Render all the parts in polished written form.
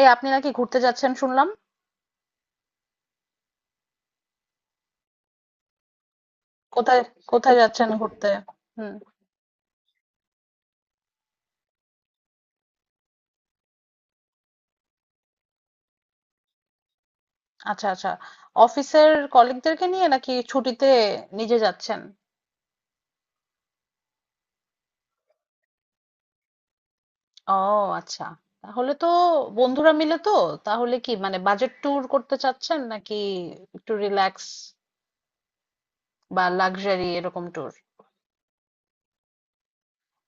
এই আপনি নাকি ঘুরতে যাচ্ছেন শুনলাম। কোথায় কোথায় যাচ্ছেন ঘুরতে? হুম। আচ্ছা আচ্ছা, অফিসের কলিগদেরকে নিয়ে নাকি ছুটিতে নিজে যাচ্ছেন? ও আচ্ছা, তাহলে তো বন্ধুরা মিলে তো। তাহলে কি মানে বাজেট ট্যুর করতে চাচ্ছেন নাকি একটু রিল্যাক্স বা লাক্সারি এরকম ট্যুর?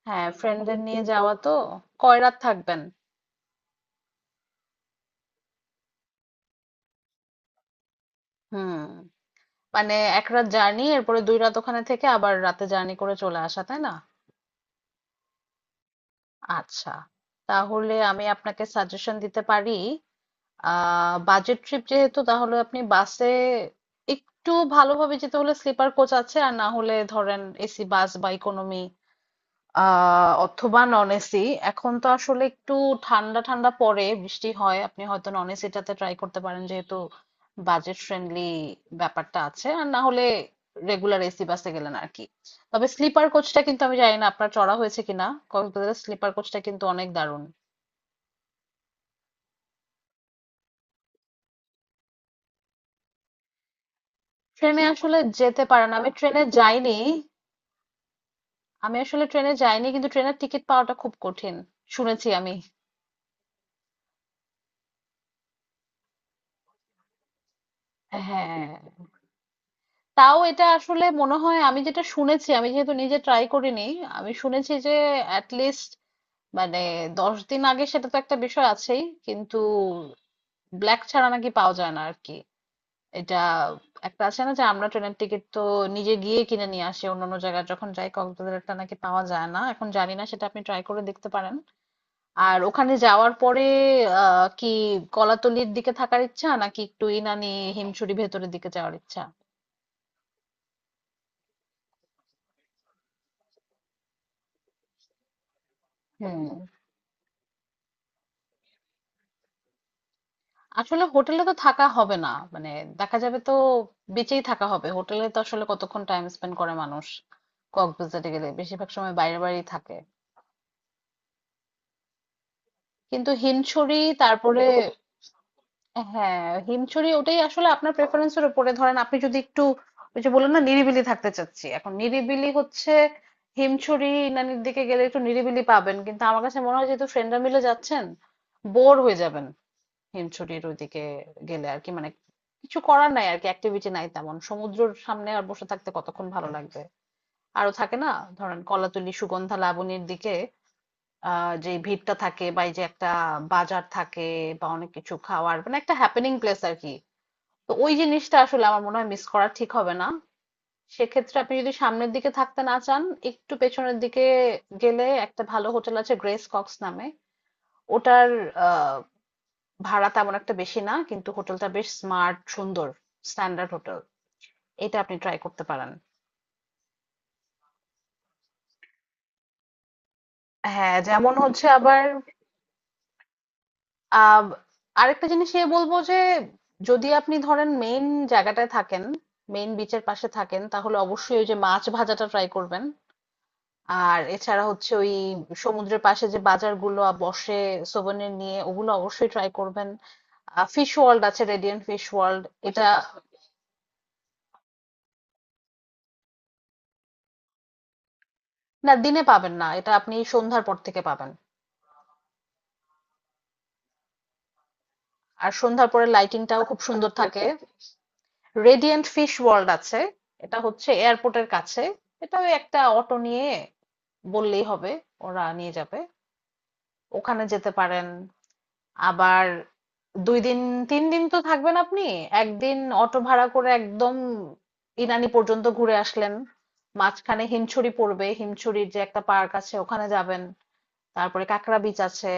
হ্যাঁ, ফ্রেন্ডদের নিয়ে যাওয়া তো। কয় রাত থাকবেন? হুম, মানে এক রাত জার্নি এরপরে দুই রাত ওখানে থেকে আবার রাতে জার্নি করে চলে আসা তাই না? আচ্ছা, তাহলে আমি আপনাকে সাজেশন দিতে পারি। বাজেট ট্রিপ যেহেতু তাহলে আপনি বাসে একটু ভালোভাবে যেতে হলে স্লিপার কোচ আছে, আর না হলে ধরেন এসি বাস বা ইকোনমি, অথবা নন এসি। এখন তো আসলে একটু ঠান্ডা ঠান্ডা পড়ে, বৃষ্টি হয়, আপনি হয়তো নন এসিটাতে ট্রাই করতে পারেন যেহেতু বাজেট ফ্রেন্ডলি ব্যাপারটা আছে, আর না হলে রেগুলার এসি বাসে গেলেন আর কি। তবে স্লিপার কোচটা কিন্তু আমি জানি না আপনার চড়া হয়েছে কিনা, কক্সবাজারের স্লিপার কোচটা কিন্তু অনেক দারুণ। ট্রেনে আসলে যেতে পারে না, আমি ট্রেনে যাইনি। আমি আসলে ট্রেনে যাইনি, কিন্তু ট্রেনের টিকিট পাওয়াটা খুব কঠিন শুনেছি আমি। হ্যাঁ, তাও এটা আসলে মনে হয়, আমি যেটা শুনেছি, আমি যেহেতু নিজে ট্রাই করিনি, আমি শুনেছি যে অ্যাট লিস্ট মানে 10 দিন আগে, সেটা তো একটা বিষয় আছেই কিন্তু ব্ল্যাক ছাড়া নাকি পাওয়া যায় না আর কি। এটা একটা আছে না যে আমরা ট্রেনের টিকিট তো নিজে গিয়ে কিনে নিয়ে আসি অন্যান্য জায়গায় যখন যাই, কক্সবাজারটা নাকি পাওয়া যায় না এখন, জানি না সেটা আপনি ট্রাই করে দেখতে পারেন। আর ওখানে যাওয়ার পরে কি, কলাতলির দিকে থাকার ইচ্ছা নাকি একটু ইনানি, হিমছড়ি ভেতরের দিকে যাওয়ার ইচ্ছা? হুম। আসলে হোটেলে তো থাকা হবে না মানে, দেখা যাবে তো বেঁচেই থাকা হবে হোটেলে, তো আসলে কতক্ষণ টাইম স্পেন্ড করে মানুষ কক্সবাজারে গেলে, বেশিরভাগ সময় বাইরে বাইরেই থাকে। কিন্তু হিমছড়ি তারপরে, হ্যাঁ হিমছড়ি, ওটাই আসলে আপনার প্রেফারেন্সের উপরে। ধরেন আপনি যদি একটু ওই যে বললেন না নিরিবিলি থাকতে চাচ্ছি, এখন নিরিবিলি হচ্ছে হিমছড়ি নানির দিকে গেলে একটু নিরিবিলি পাবেন, কিন্তু আমার কাছে মনে হয় যেহেতু ফ্রেন্ডরা মিলে যাচ্ছেন বোর হয়ে যাবেন হিমছড়ির ওইদিকে গেলে আর কি। মানে কিছু করার নাই আর কি, অ্যাক্টিভিটি নাই তেমন, সমুদ্রের সামনে আর বসে থাকতে কতক্ষণ ভালো লাগবে? আরো থাকে না, ধরেন কলাতলি সুগন্ধা লাবণীর দিকে যে ভিড়টা থাকে বা এই যে একটা বাজার থাকে বা অনেক কিছু খাওয়ার, মানে একটা হ্যাপেনিং প্লেস আর কি। তো ওই জিনিসটা আসলে আমার মনে হয় মিস করা ঠিক হবে না। সেক্ষেত্রে আপনি যদি সামনের দিকে থাকতে না চান, একটু পেছনের দিকে গেলে একটা ভালো হোটেল আছে গ্রেস কক্স নামে। ওটার আহ ভাড়া তেমন একটা বেশি না, কিন্তু হোটেলটা বেশ স্মার্ট, সুন্দর স্ট্যান্ডার্ড হোটেল। এটা আপনি ট্রাই করতে পারেন। হ্যাঁ যেমন হচ্ছে আবার। আহ আরেকটা জিনিস এ বলবো যে যদি আপনি ধরেন মেইন জায়গাটায় থাকেন, মেইন বিচের পাশে থাকেন, তাহলে অবশ্যই ওই যে মাছ ভাজাটা ট্রাই করবেন। আর এছাড়া হচ্ছে ওই সমুদ্রের পাশে যে বাজারগুলো বসে সোভেনির নিয়ে, ওগুলো অবশ্যই ট্রাই করবেন। ফিশ ওয়ার্ল্ড আছে, রেডিয়েন্ট ফিশ ওয়ার্ল্ড। এটা না, দিনে পাবেন না, এটা আপনি সন্ধ্যার পর থেকে পাবেন। আর সন্ধ্যার পরে লাইটিংটাও খুব সুন্দর থাকে। রেডিয়েন্ট ফিশ ওয়ার্ল্ড আছে, এটা হচ্ছে এয়ারপোর্টের কাছে। এটা ওই একটা অটো নিয়ে বললেই হবে, ওরা নিয়ে যাবে। ওখানে যেতে পারেন। আবার 2 দিন 3 দিন তো থাকবেন আপনি, একদিন অটো ভাড়া করে একদম ইনানি পর্যন্ত ঘুরে আসলেন। মাঝখানে হিমছড়ি পড়বে, হিমছড়ির যে একটা পার্ক আছে ওখানে যাবেন, তারপরে কাঁকড়া বিচ আছে,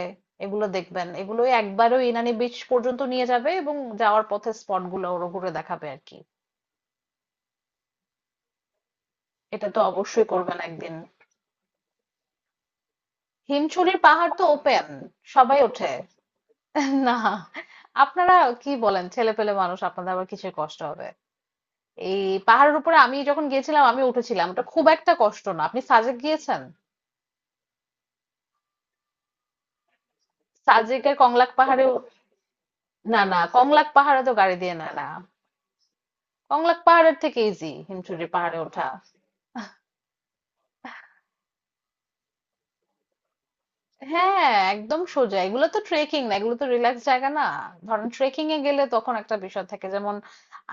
এগুলো দেখবেন। এগুলোই একবারে ওই ইনানি বিচ পর্যন্ত নিয়ে যাবে এবং যাওয়ার পথে স্পট গুলো ওরা ঘুরে দেখাবে আর কি। এটা তো অবশ্যই করবেন একদিন। হিমছড়ির পাহাড় তো ওপেন, সবাই ওঠে। না, আপনারা কি বলেন, ছেলে পেলে মানুষ, আপনাদের আবার কিসের কষ্ট হবে? এই পাহাড়ের উপরে আমি যখন গিয়েছিলাম আমি উঠেছিলাম, ওটা খুব একটা কষ্ট না। আপনি সাজেক গিয়েছেন, সাজেকের কংলাক পাহাড়েও। না না, কংলাক পাহাড়ে তো গাড়ি দিয়ে না না, কংলাক পাহাড়ের থেকে ইজি হিমছড়ির পাহাড়ে ওঠা। হ্যাঁ, একদম সোজা, এগুলো তো ট্রেকিং না, এগুলো তো রিল্যাক্স জায়গা না। ধরেন ট্রেকিং এ গেলে তখন একটা বিষয় থাকে, যেমন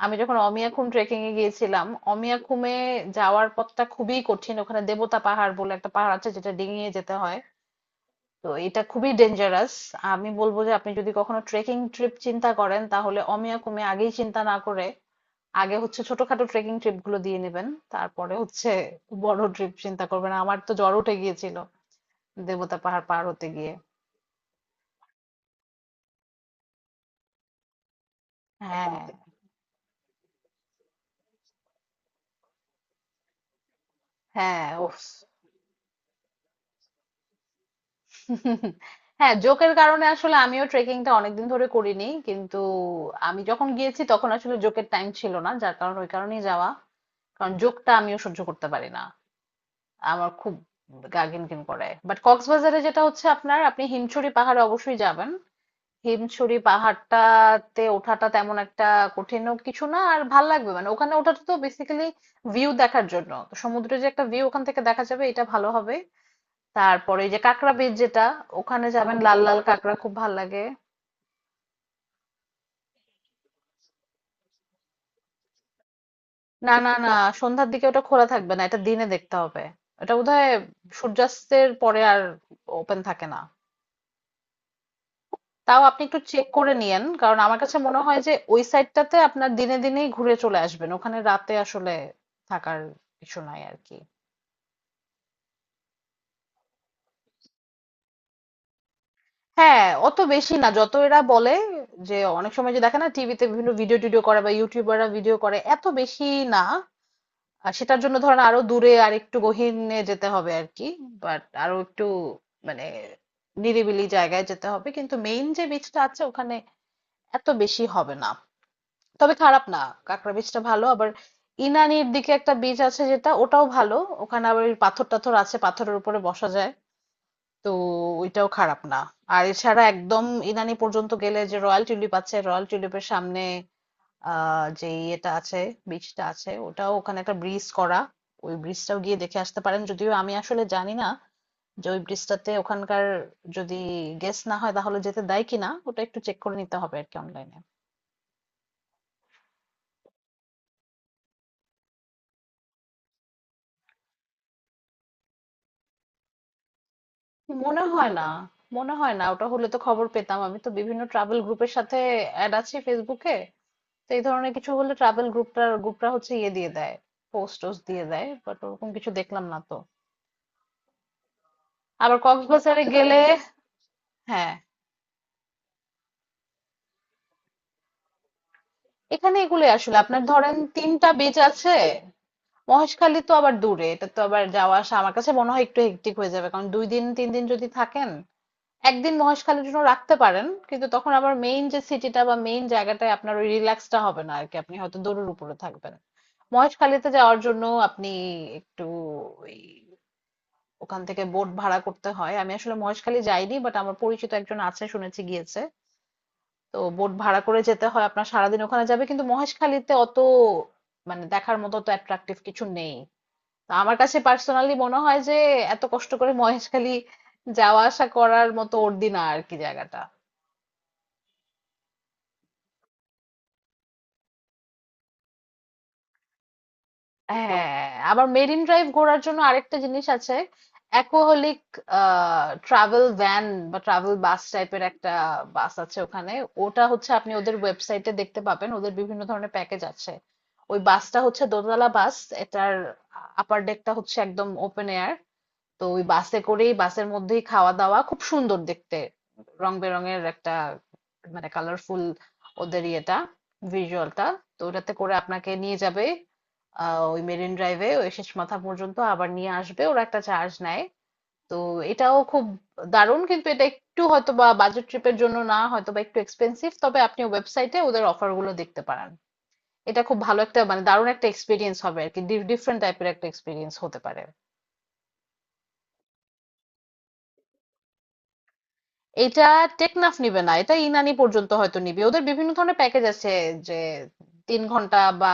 আমি যখন অমিয়াখুম ট্রেকিং এ গিয়েছিলাম, অমিয়াখুমে যাওয়ার পথটা খুবই কঠিন, ওখানে দেবতা পাহাড় বলে একটা পাহাড় আছে যেটা ডিঙিয়ে যেতে হয়। তো এটা খুবই ডেঞ্জারাস। আমি বলবো যে আপনি যদি কখনো ট্রেকিং ট্রিপ চিন্তা করেন তাহলে অমিয়াখুমে আগেই চিন্তা না করে, আগে হচ্ছে ছোটখাটো ট্রেকিং ট্রিপ গুলো দিয়ে নেবেন, তারপরে হচ্ছে বড় ট্রিপ চিন্তা করবেন। আমার তো জ্বর উঠে গিয়েছিল দেবতা পাহাড় পার হতে গিয়ে। হ্যাঁ, হ্যাঁ, উফ। হ্যাঁ, জোকের কারণে আসলে আমিও ট্রেকিংটা অনেকদিন ধরে করিনি, কিন্তু আমি যখন গিয়েছি তখন আসলে জোকের টাইম ছিল না, যার কারণে ওই কারণেই যাওয়া। কারণ জোকটা আমিও সহ্য করতে পারি না, আমার খুব গা ঘিনঘিন করে। বাট কক্সবাজারে যেটা হচ্ছে আপনার, আপনি হিমছড়ি পাহাড়ে অবশ্যই যাবেন। হিমছড়ি পাহাড়টাতে ওঠাটা তেমন একটা কঠিনও কিছু না, আর ভাল লাগবে মানে। ওখানে ওঠাটা তো বেসিক্যালি ভিউ দেখার জন্য, তো সমুদ্রের যে একটা ভিউ ওখান থেকে দেখা যাবে এটা ভালো হবে। তারপরে ওই যে কাঁকড়া বীচ যেটা, ওখানে যাবেন, লাল লাল কাঁকড়া খুব ভাল লাগে। না না না, সন্ধ্যার দিকে ওটা খোলা থাকবে না, এটা দিনে দেখতে হবে। এটা বোধহয় সূর্যাস্তের পরে আর ওপেন থাকে না। তাও আপনি একটু চেক করে নিয়েন, কারণ আমার কাছে মনে হয় যে ওই সাইডটাতে আপনার দিনে দিনেই ঘুরে চলে আসবেন, ওখানে রাতে আসলে থাকার কিছু নাই আর কি। হ্যাঁ, অত বেশি না যত এরা বলে। যে অনেক সময় যে দেখে না টিভিতে বিভিন্ন ভিডিও টিডিও করে বা ইউটিউবাররা ভিডিও করে, এত বেশি না। আর সেটার জন্য ধরেন আরো দূরে আর একটু গহীনে যেতে হবে আর কি। বাট আরো একটু মানে নিরিবিলি জায়গায় যেতে হবে, কিন্তু মেইন যে বীজটা আছে ওখানে এত বেশি হবে না, তবে খারাপ না। কাঁকড়া বীজটা ভালো। আবার ইনানির দিকে একটা বীজ আছে যেটা, ওটাও ভালো। ওখানে আবার ওই পাথর টাথর আছে, পাথরের উপরে বসা যায়, তো ওইটাও খারাপ না। আর এছাড়া একদম ইনানি পর্যন্ত গেলে যে রয়্যাল টিউলিপ আছে, রয়্যাল টিউলিপের সামনে যে ইয়েটা আছে, ব্রিজটা আছে, ওটাও ওখানে একটা ব্রিজ করা। ওই ব্রিজটাও গিয়ে দেখে আসতে পারেন, যদিও আমি আসলে জানি না যে ওই ব্রিজটাতে ওখানকার যদি গেস না হয় তাহলে যেতে দেয় কিনা, ওটা একটু চেক করে নিতে হবে আর কি অনলাইনে। মনে হয় না, মনে হয় না, ওটা হলে তো খবর পেতাম। আমি তো বিভিন্ন ট্রাভেল গ্রুপের সাথে অ্যাড আছি ফেসবুকে, তো এই ধরনের কিছু হলে ট্রাভেল গ্রুপটা গ্রুপটা হচ্ছে ইয়ে দিয়ে দেয়, পোস্ট টোস্ট দিয়ে দেয়, বাট ওরকম কিছু দেখলাম না তো। আবার কক্সবাজারে গেলে, হ্যাঁ, এখানে এগুলোই আসলে আপনার, ধরেন তিনটা বেজ আছে। মহেশখালী তো আবার দূরে, এটা তো আবার যাওয়া আসা আমার কাছে মনে হয় একটু হেক্টিক হয়ে যাবে, কারণ 2 দিন 3 দিন যদি থাকেন, একদিন মহেশখালীর জন্য রাখতে পারেন কিন্তু তখন আবার মেইন যে সিটিটা বা মেইন জায়গাটায় আপনার ওই রিল্যাক্সটা হবে না আর কি, আপনি হয়তো দৌড়ের উপরে থাকবেন। মহেশখালীতে যাওয়ার জন্য আপনি একটু ওই ওখান থেকে বোট ভাড়া করতে হয়। আমি আসলে মহেশখালী যাইনি, বাট আমার পরিচিত একজন আছে শুনেছি গিয়েছে। তো বোট ভাড়া করে যেতে হয়, আপনার সারাদিন ওখানে যাবে, কিন্তু মহেশখালীতে অত মানে দেখার মতো অত অ্যাট্রাকটিভ কিছু নেই। তো আমার কাছে পার্সোনালি মনে হয় যে এত কষ্ট করে মহেশখালী যাওয়া আসা করার মতো অর্দি না আর কি জায়গাটা। হ্যাঁ, আবার মেরিন ড্রাইভ ঘোরার জন্য আরেকটা জিনিস আছে, অ্যাকোহলিক ট্রাভেল ভ্যান বা ট্রাভেল বাস টাইপের একটা বাস আছে ওখানে। ওটা হচ্ছে আপনি ওদের ওয়েবসাইটে দেখতে পাবেন, ওদের বিভিন্ন ধরনের প্যাকেজ আছে। ওই বাসটা হচ্ছে দোতলা বাস, এটার আপার ডেকটা হচ্ছে একদম ওপেন এয়ার। তো ওই বাসে করেই বাসের মধ্যেই খাওয়া দাওয়া, খুব সুন্দর দেখতে, রং বেরঙের একটা মানে কালারফুল ওদের ইয়েটা, ভিজুয়ালটা। তো ওটাতে করে আপনাকে নিয়ে যাবে ওই মেরিন ড্রাইভে ওই শেষ মাথা পর্যন্ত, আবার নিয়ে আসবে, ওরা একটা চার্জ নেয়। তো এটাও খুব দারুণ, কিন্তু এটা একটু হয়তো বা বাজেট ট্রিপের জন্য না, হয়তো বা একটু এক্সপেন্সিভ, তবে আপনি ওয়েবসাইটে ওদের অফার গুলো দেখতে পারেন। এটা খুব ভালো একটা মানে দারুণ একটা এক্সপিরিয়েন্স হবে আর কি, ডিফারেন্ট টাইপের একটা এক্সপিরিয়েন্স হতে পারে। এটা টেকনাফ নিবে না, এটা ইনানি পর্যন্ত হয়তো নিবে। ওদের বিভিন্ন ধরনের প্যাকেজ আছে যে 3 ঘন্টা বা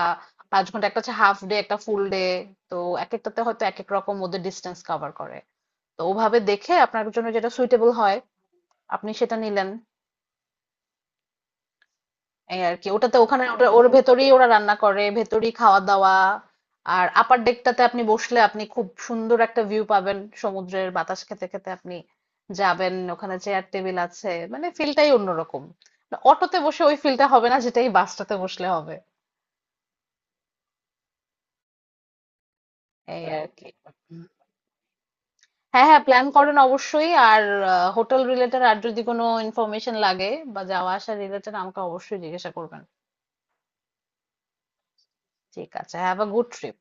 5 ঘন্টা, একটা হচ্ছে হাফ ডে, একটা ফুল ডে। তো এক একটাতে হয়তো এক এক রকম ওদের ডিস্টেন্স কভার করে। তো ওভাবে দেখে আপনার জন্য যেটা সুইটেবল হয় আপনি সেটা নিলেন, এই আরকি। ওটাতে ওখানে ওটা ওর ভেতরেই ওরা রান্না করে, ভেতরেই খাওয়া দাওয়া। আর আপার ডেকটাতে আপনি বসলে আপনি খুব সুন্দর একটা ভিউ পাবেন, সমুদ্রের বাতাস খেতে খেতে আপনি যাবেন, ওখানে চেয়ার টেবিল আছে, মানে ফিলটাই অন্যরকম। অটোতে বসে ওই ফিলটা হবে না যেটাই বাসটাতে বসলে হবে। এই আর কি। হ্যাঁ হ্যাঁ প্ল্যান করেন অবশ্যই, আর হোটেল রিলেটেড আর যদি কোনো ইনফরমেশন লাগে বা যাওয়া আসা রিলেটেড আমাকে অবশ্যই জিজ্ঞাসা করবেন। ঠিক আছে, হ্যাভ আ গুড ট্রিপ।